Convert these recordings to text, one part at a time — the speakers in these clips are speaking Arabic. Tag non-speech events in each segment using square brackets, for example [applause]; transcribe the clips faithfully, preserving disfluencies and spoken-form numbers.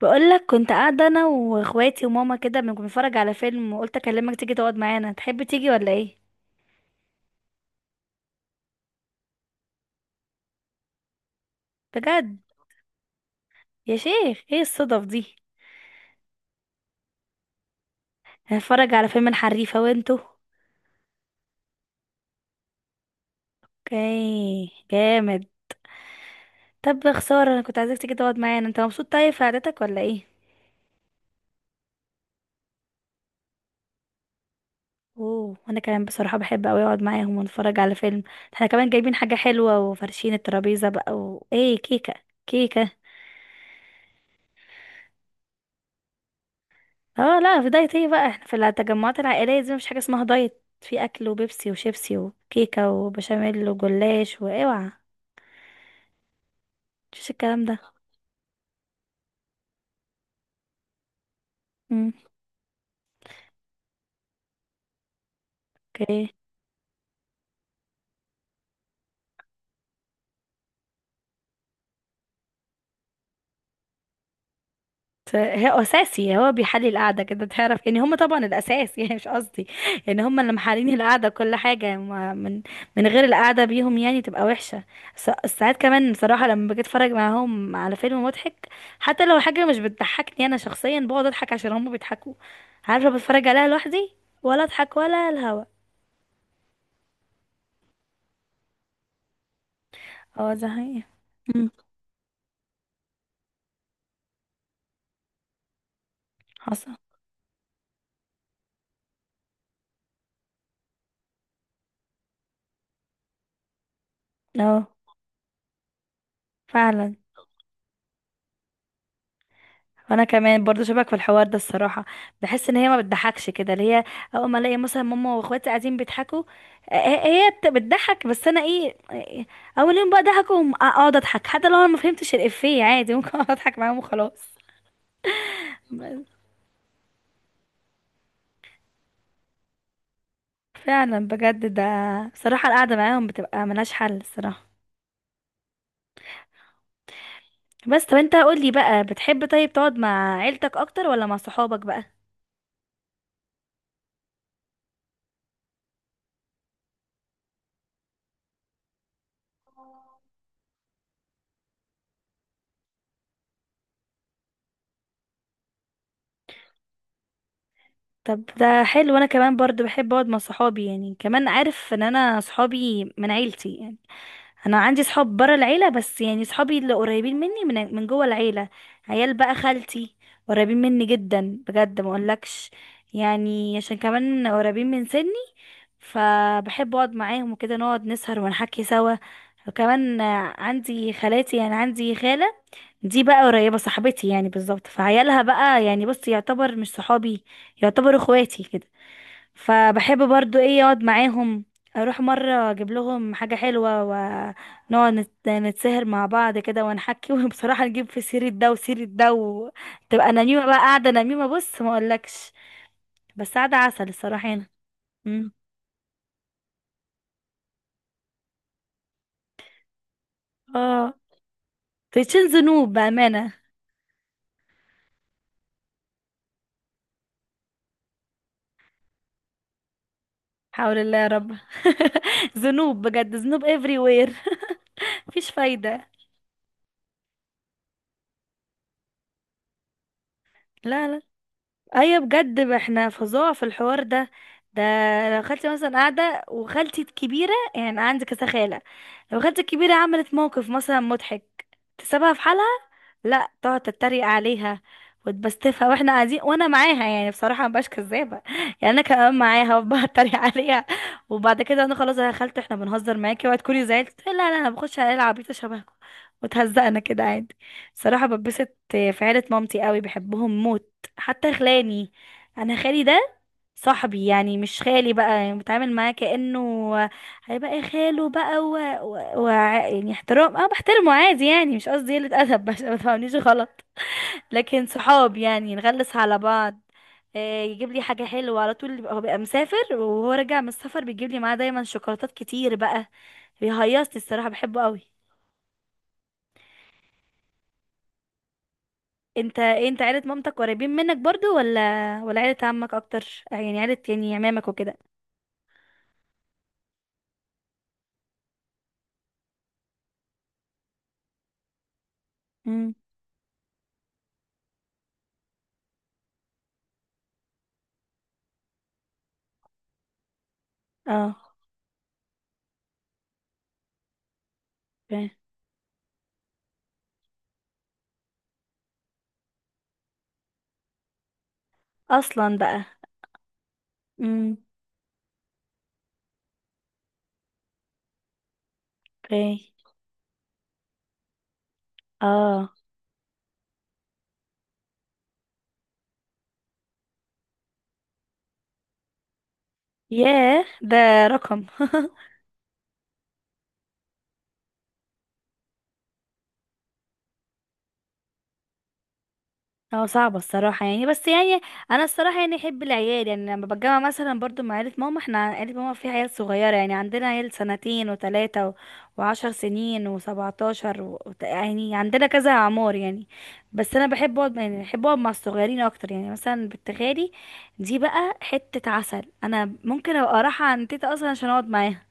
بقولك كنت قاعدة أنا وإخواتي وماما كده بن- بنتفرج على فيلم، وقلت أكلمك تيجي تقعد معانا، تحب تيجي ولا إيه؟ بجد؟ يا شيخ إيه الصدف دي؟ هنتفرج على فيلم الحريفة وانتوا؟ اوكي، جامد. طب يا خسارة، أنا كنت عايزاك تيجي تقعد معانا. أنت مبسوط طيب في قعدتك ولا إيه؟ أوه، وأنا كمان بصراحة بحب أوي أقعد معاهم ونتفرج على فيلم. احنا كمان جايبين حاجة حلوة وفرشين الترابيزة بقى، وإيه، كيكة. كيكة. اه لا، في دايت ايه بقى؟ احنا في التجمعات العائلية دي مفيش حاجة اسمها دايت، في اكل وبيبسي وشيبسي وكيكة وبشاميل وجلاش، واوعى. مفيش الكلام ده. امم اوكي. هو اساسي، هو بيحلي القعده كده، تعرف يعني هم طبعا الاساس [laughs] يعني مش قصدي، يعني هم اللي محلين القعده، كل حاجه يعني، ما- من من غير القعده بيهم يعني تبقى وحشه. سا- ساعات كمان بصراحه لما باجي اتفرج معاهم على فيلم مضحك، حتى لو حاجه مش بتضحكني انا شخصيا بقعد اضحك عشان هم بيضحكوا. عارفه، بتفرج عليها لوحدي ولا اضحك ولا الهوا. اه ده حقيقي. امم حصل. اه فعلا. انا كمان برضو شبك في الحوار ده الصراحه، بحس ان هي ما بتضحكش كده، اللي هي اول ما الاقي مثلا ماما واخواتي قاعدين بيضحكوا، آه، هي هي بت- بتضحك، بس انا ايه، آه، اول يوم بقى ضحكوا وم- اقعد اضحك حتى لو انا ما فهمتش الافيه، عادي ممكن [laughs] اقعد اضحك معاهم وخلاص. فعلا بجد ده، صراحه القعده معاهم بتبقى ملهاش حل الصراحه. بس طب انت قول لي بقى، بتحب طيب تقعد مع عيلتك اكتر ولا مع صحابك بقى؟ طب ده حلو، انا كمان برضو بحب اقعد مع صحابي، يعني كمان عارف ان انا صحابي من عيلتي يعني، انا عندي صحاب برا العيله بس، يعني صحابي اللي قريبين مني من من جوه العيله، عيال بقى خالتي، قريبين مني جدا بجد ما اقولكش، يعني عشان كمان قريبين من سني، فبحب اقعد معاهم وكده نقعد نسهر ونحكي سوا. وكمان آه، عندي خالاتي، يعني عندي خاله دي بقى قريبه صاحبتي يعني بالظبط، فعيالها بقى يعني بص، يعتبر مش صحابي، يعتبر اخواتي كده. فبحب برضو ايه اقعد معاهم، اروح مرة اجيب لهم حاجة حلوة ونقعد نت- نتسهر مع بعض كده ونحكي [laughs] وبصراحة نجيب في سيرة ده وسيرة ده، وتبقى نميمة بقى، قاعدة نميمة بص ما اقولكش. بس قاعدة عسل الصراحة هنا. مم. اه، تشين ذنوب بأمانة. حول الله يا رب [laughs] ذنوب بجد، ذنوب everywhere [laughs] مفيش فايدة. لا لا، ايوه بجد، ما احنا فظاع في الحوار ده. ده لو خالتي مثلا قاعده، وخالتي الكبيره، يعني أنا عندي كذا خاله، لو خالتي الكبيره عملت موقف مثلا مضحك، تسيبها في حالها، لا تقعد تتريق عليها وتبستفها، واحنا قاعدين، وانا معاها يعني بصراحه مبقاش كذابه [laughs] يعني انا كمان معاها وبقعد اتريق عليها. وبعد كده انا خلاص يا خالتي احنا بنهزر معاكي، وهتكوني تكوني زعلت تقولي لا لا انا بخش على العبيطه شبهكم، وتهزقنا كده عادي. بصراحه ببسط في عيله مامتي قوي، بحبهم موت، حتى خلاني، انا خالي ده صاحبي يعني، مش خالي بقى يعني، بتعامل معاه كأنه هيبقى خاله بقى و... و... و... يعني احترام، اه بحترمه عادي يعني، مش قصدي قلة ادب عشان ما تفهمنيش غلط، لكن صحاب يعني، نغلس على بعض، آه، يجيب لي حاجة حلوة على طول، بيبقى- هو بيبقى مسافر، وهو راجع من السفر بيجيب لي معاه دايما شوكولاتات كتير بقى، بيهيصني الصراحة، بحبه قوي. انت إيه، انت عيلة مامتك قريبين منك برضو ولا ولا عيلة عمك اكتر؟ يعني عيلة يعني عمامك وكده. اه، اوكي. اصلا بقى. امم اوكي. اه. ياه ده رقم [laughs] هو صعب الصراحة يعني، بس يعني أنا الصراحة يعني أحب العيال، يعني لما بتجمع مثلا برضو مع عيلة ماما، احنا عيلة ماما فيها عيال صغيرة، يعني عندنا عيال سنتين وتلاتة و... وعشر سنين وسبعتاشر و... وت- يعني عندنا كذا أعمار يعني. بس أنا بحب أقعد، يعني بحب أقعد مع الصغيرين أكتر، يعني مثلا بنت خالي دي بقى حتة عسل، أنا ممكن أبقى رايحة عند تيتا أصلا عشان أقعد معاها،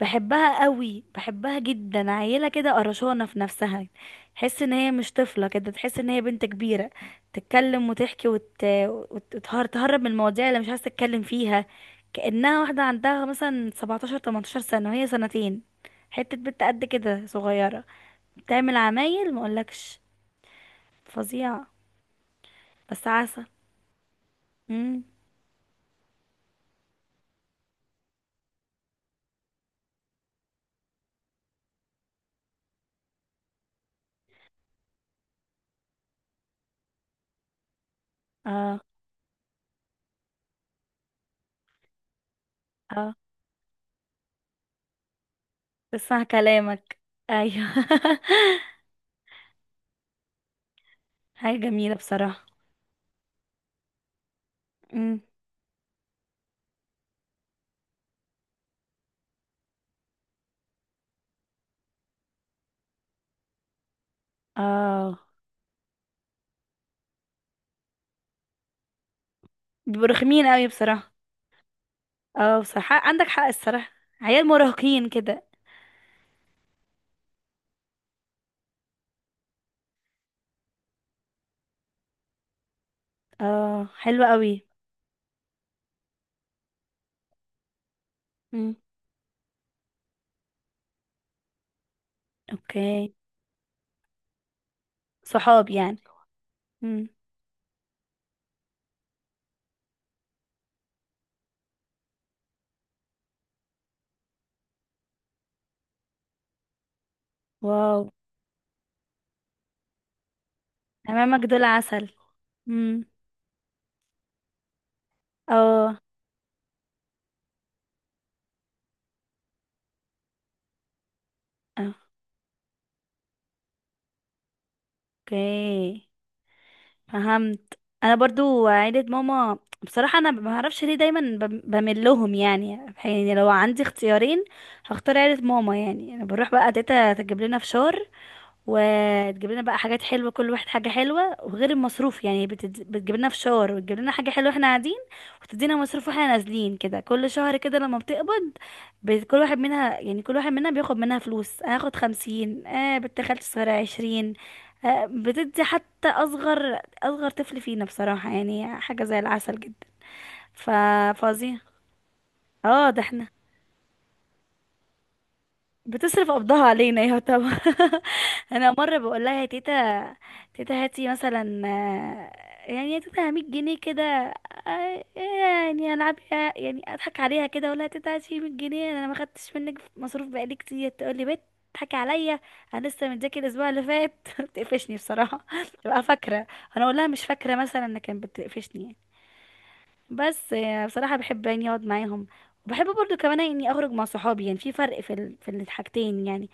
بحبها قوي، بحبها جدا، عيله كده قرشانه في نفسها، تحس ان هي مش طفله كده، تحس ان هي بنت كبيره، تتكلم وتحكي وتهرب من المواضيع اللي مش عايزه تتكلم فيها، كانها واحده عندها مثلا سبعتاشر تمنتاشر سنه، وهي سنتين، حته بنت قد كده صغيره، بتعمل عمايل مقولكش فظيعه. بس عسل. امم اه. اه، بسمع كلامك. ايوه [laughs] حاجه جميله بصراحه. امم اه، بيبقوا رخمين قوي بصراحة. اه، بصراحة عندك حق الصراحة. عيال مراهقين كده. اه حلوة قوي. مم. اوكي. صحاب يعني. مم. واو. امامك دول عسل. مم. اه. اوكي، فهمت. انا برضو عيلة ماما بصراحة، انا ما اعرفش ليه دايما بم- بميل لهم يعني، يعني لو عندي اختيارين هختار عيلة ماما، يعني انا بروح بقى تيتا تجيب لنا فشار، وتجيب لنا بقى حاجات حلوه، كل واحد حاجه حلوه، وغير المصروف يعني، بتد... بتجيب لنا فشار وتجيب لنا حاجه حلوه احنا قاعدين، وتدينا مصروف واحنا نازلين كده، كل شهر كده لما بتقبض، بت... كل واحد منها يعني، كل واحد منها بياخد منها فلوس، انا هاخد خمسين، آه بنت خالتي الصغيره عشرين، آه بتدي حتى اصغر اصغر طفل فينا، بصراحه يعني حاجه زي العسل جدا. ف فظيع. اه ده احنا بتصرف قبضها علينا يا طبعا [laughs] انا مره بقول لها يا تيتا، تيتا هاتي مثلا آه، يعني يا تيتا مية جنيه كده، آه، يعني العب، يعني اضحك عليها كده، اقول لها تيتا هاتي مية جنيه، انا ما خدتش منك مصروف بقالي كتير، تقول لي بت تضحكي عليا، انا لسه متذاكر الاسبوع اللي فات [laughs] بتقفشني بصراحه [laughs] تبقى فاكره. انا اقول لها مش فاكره مثلا انها كانت بتقفشني يعني. بس يعني بصراحة بحب يعني اقعد معاهم، وبحب برضو كمان اني اخرج مع صحابي، يعني في فرق في ال... في الحاجتين يعني،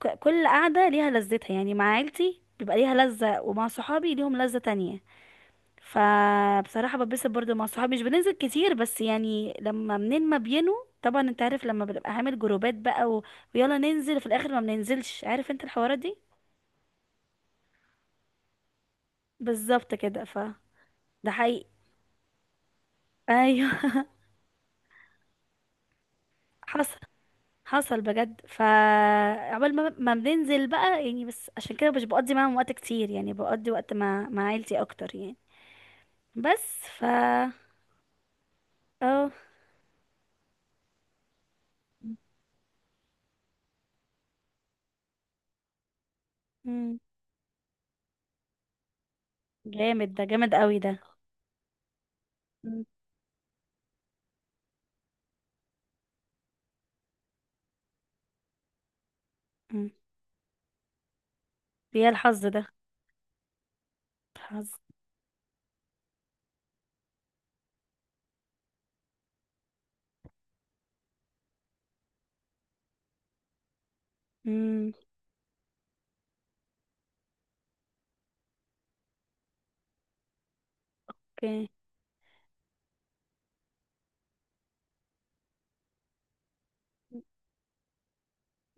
ك- كل قعدة ليها لذتها، يعني مع عيلتي بيبقى ليها لذة، ومع صحابي ليهم لذة تانية. فبصراحة ببسط برضو مع صحابي، مش بننزل كتير بس يعني لما منين ما بينوا، طبعا انت عارف لما بنبقى عامل جروبات بقى و... ويلا ننزل في الاخر ما بننزلش، عارف انت الحوارات دي. بالظبط كده. ف ده حقيقي. ايوه [laughs] حصل. حصل بجد، فعقبال ما ما بننزل بقى يعني، بس عشان كده مش بقضي معاهم وقت كتير يعني، بقضي وقت مع مع عيلتي اكتر يعني، بس. ف اه. مم. جامد ده، جامد قوي ده. مم. مم. يا الحظ ده. الحظ. مم. اوكي.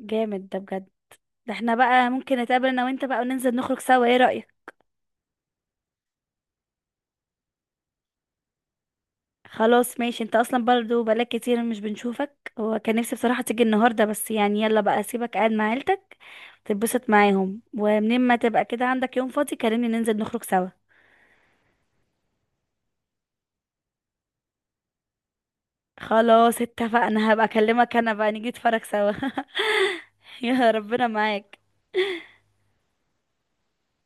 جامد ده بجد. ده احنا بقى ممكن نتقابل انا وانت بقى وننزل نخرج سوا، ايه رأيك؟ خلاص ماشي، انت اصلا برضو بقالك كتير مش بنشوفك، هو كان نفسي بصراحة تيجي النهاردة، بس يعني يلا بقى اسيبك قاعد مع عيلتك تتبسط معاهم، ومنين ما تبقى كده عندك يوم فاضي كلمني ننزل نخرج سوا. خلاص اتفقنا، هبقى اكلمك انا بقى نيجي نتفرج سوا [laughs] يا ربنا معاك.